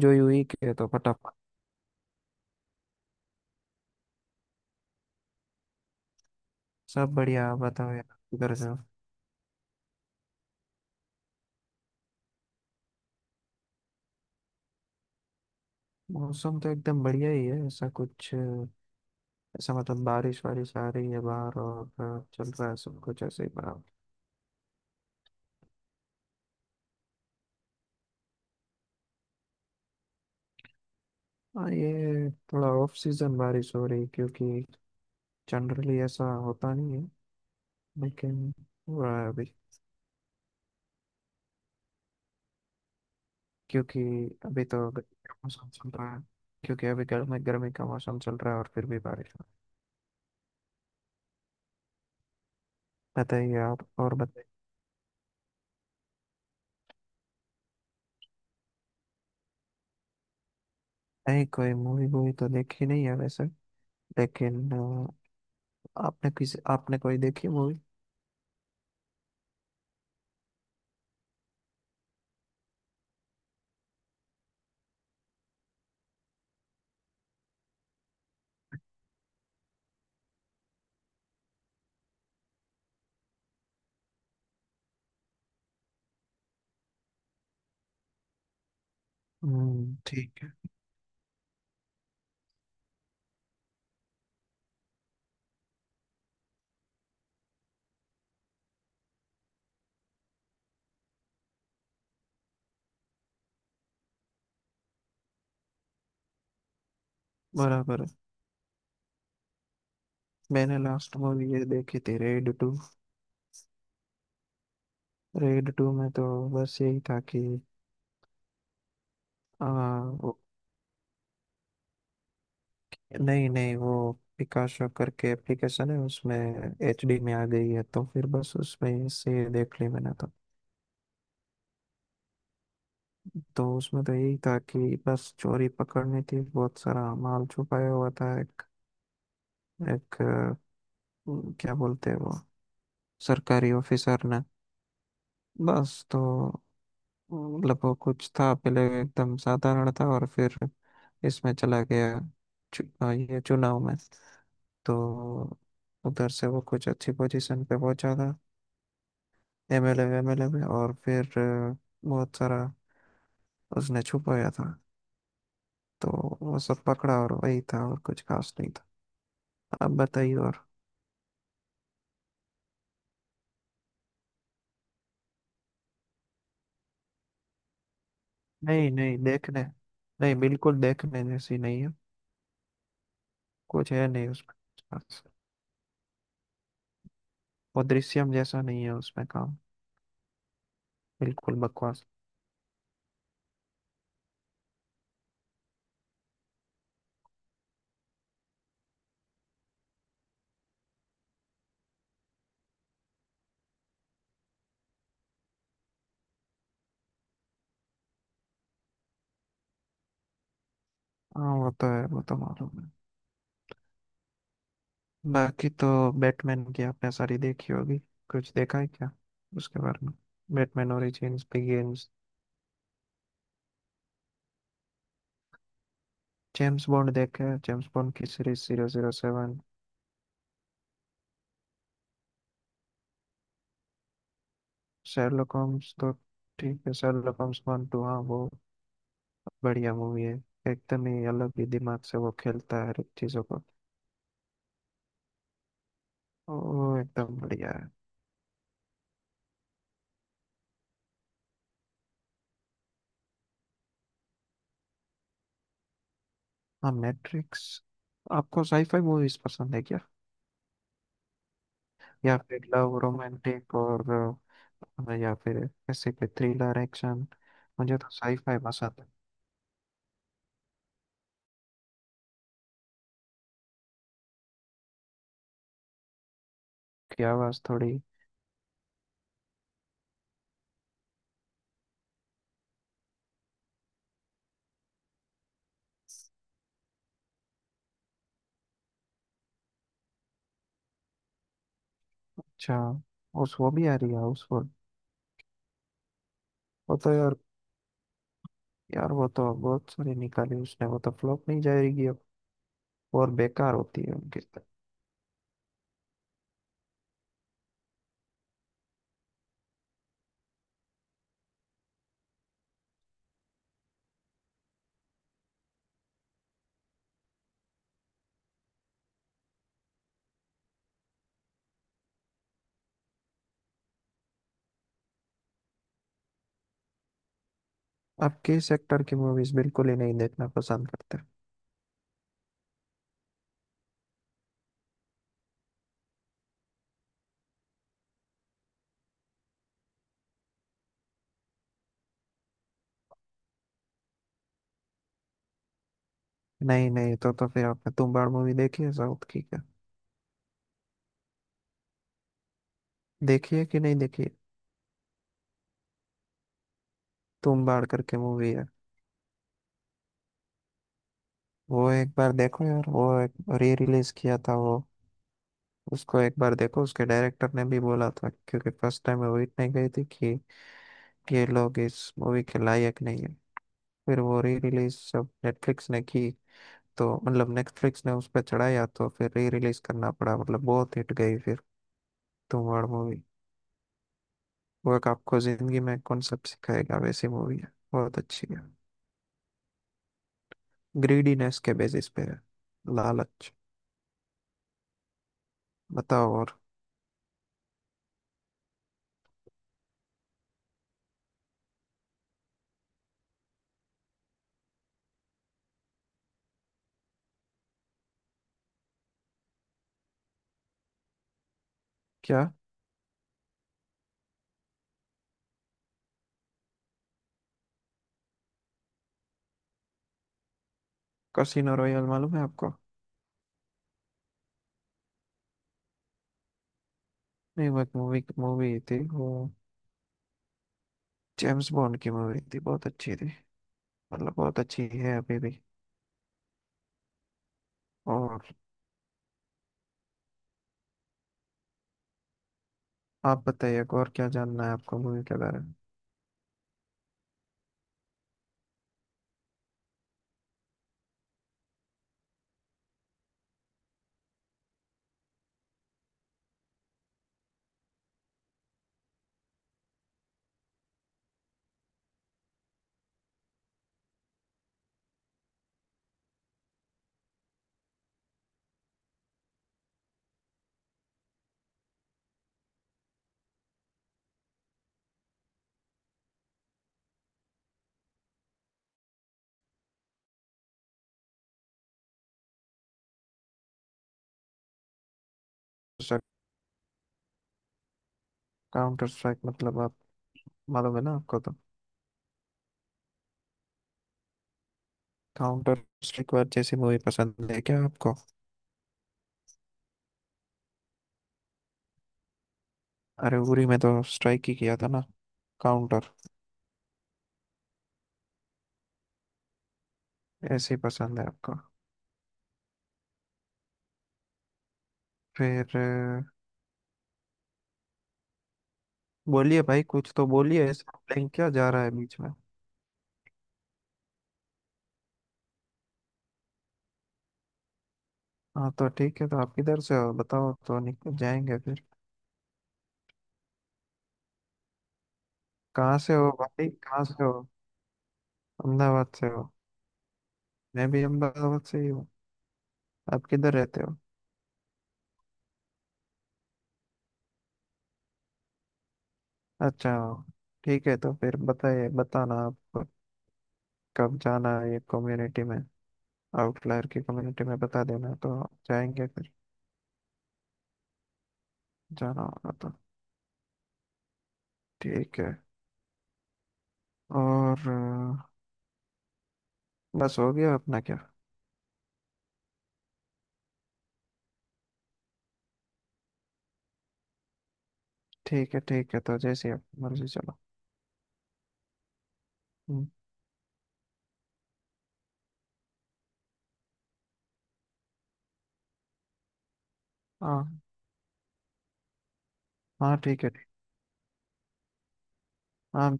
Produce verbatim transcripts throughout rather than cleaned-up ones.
जो यूं ही के तो फटाफट सब बढ़िया। आप बताओ यार, उधर से हो? मौसम तो एकदम बढ़िया ही है। ऐसा कुछ ऐसा मतलब बारिश वारिश आ रही है बाहर और अ, चल रहा है सब कुछ ऐसे ही बराबर। हाँ, ये थोड़ा ऑफ सीजन बारिश हो रही है, क्योंकि जनरली ऐसा होता नहीं है, लेकिन हो रहा है अभी। क्योंकि अभी तो गर्मी का मौसम चल रहा है, क्योंकि अभी गर्मी गर्मी का मौसम चल रहा है और फिर भी बारिश हो रही है। बताइए, आप और बताइए। नहीं, कोई मूवी वूवी तो देखी नहीं है वैसे, लेकिन आपने किसी आपने कोई देखी मूवी? हम्म, ठीक है। बराबर है। मैंने लास्ट मूवी ये देखी थी, रेड टू। रेड टू में तो बस यही था कि आ, वो, नहीं नहीं वो पिकाशो करके एप्लीकेशन है, उसमें एचडी में आ गई है, तो फिर बस उसमें से देख ली मैंने तो। तो उसमें तो यही था कि बस चोरी पकड़नी थी, बहुत सारा माल छुपाया हुआ था एक एक अ, क्या बोलते हैं वो सरकारी ऑफिसर ने। बस तो मतलब वो कुछ था पहले एकदम साधारण, था और फिर इसमें चला गया चु, अ, ये चुनाव में। तो उधर से वो कुछ अच्छी पोजीशन पे पहुंचा था, एमएलए एमएलए में, और फिर अ, बहुत सारा उसने छुपाया था। तो वो सब पकड़ा, और वही था, और कुछ खास नहीं था। अब बताइए और। नहीं नहीं देखने, नहीं बिल्कुल देखने जैसी नहीं है। कुछ है नहीं उसमें खास। वो दृश्यम जैसा नहीं है उसमें काम, बिल्कुल बकवास। हाँ, वो तो है, वो तो मालूम है। बाकी तो बैटमैन की आपने सारी देखी होगी? कुछ देखा है क्या उसके बारे में, Batman Origins Begins? James Bond देखा है? जेम्स बॉन्ड की series zero zero seven? Sherlock Holmes तो ठीक है। शेरलॉक होम्स वन टू, हाँ वो बढ़िया मूवी है। एकदम ही अलग ही दिमाग से वो खेलता है हर एक चीज़ों को। वो एकदम बढ़िया है। हाँ, मैट्रिक्स। आपको साईफाई मूवीज पसंद है क्या? या फिर लव रोमांटिक और, हाँ, या फिर ऐसे कोई थ्रिलर एक्शन? मुझे तो साईफाई पसंद है। की आवाज़ थोड़ी। अच्छा, उस वो भी आ रही है हाउसफुल? वो तो यार, यार वो तो बहुत सारी निकाली उसने, वो तो फ्लॉप नहीं जाएगी अब, और बेकार होती है उनकी। आप किस सेक्टर की मूवीज बिल्कुल ही नहीं देखना पसंद करते? नहीं नहीं, तो तो फिर आपने तुम्बाड़ मूवी देखी है? साउथ की क्या देखी है कि नहीं देखी है? तुम्बाड़ करके मूवी है। वो एक बार देखो यार। वो एक री रिलीज किया था वो, उसको एक बार देखो। उसके डायरेक्टर ने भी बोला था, क्योंकि फर्स्ट टाइम वो इतने गई थी कि ये लोग इस मूवी के लायक नहीं है। फिर वो री रिलीज जब नेटफ्लिक्स ने की, तो मतलब नेटफ्लिक्स ने उस पर चढ़ाया, तो फिर री रिलीज करना पड़ा, मतलब बहुत हिट गई फिर तुम्बाड़ मूवी। वो एक आपको जिंदगी में कॉन्सेप्ट सिखाएगा वैसी मूवी है, बहुत अच्छी है। ग्रीडीनेस के बेसिस पे है, लालच। बताओ और क्या। कसिनो रॉयल मालूम है आपको? नहीं, वो एक मूवी मूवी थी वो, जेम्स बॉन्ड की मूवी थी, बहुत अच्छी थी, मतलब बहुत अच्छी है अभी भी। और आप बताइए, और क्या जानना है आपको मूवी के बारे में? सर, काउंटर स्ट्राइक मतलब आप मालूम है ना आपको तो? काउंटर स्ट्राइक वार जैसी मूवी पसंद है क्या आपको? अरे, उरी में तो स्ट्राइक ही किया था ना, काउंटर। ऐसे ही पसंद है आपको? फिर अ, बोलिए भाई, कुछ तो बोलिए, ऐसा blank क्या जा रहा है बीच में? हाँ, तो ठीक है, तो आप किधर से हो बताओ, तो निकल जाएंगे फिर। कहाँ से हो भाई, कहाँ से हो? अहमदाबाद से हो? मैं भी अहमदाबाद से ही हूँ। आप किधर रहते हो? अच्छा, ठीक है। तो फिर बताइए, बताना आप कब जाना है ये कम्युनिटी में, आउटलायर की कम्युनिटी में बता देना, तो जाएंगे फिर। जाना होगा तो ठीक है। और अ, बस हो गया अपना क्या? ठीक है, ठीक है, तो जैसे आप मर्जी, चलो। हम्म। हाँ, हाँ ठीक है ठीक। हाँ।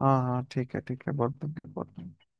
हाँ, हाँ ठीक है ठीक है, बोल दूंगी बोल दूंगी।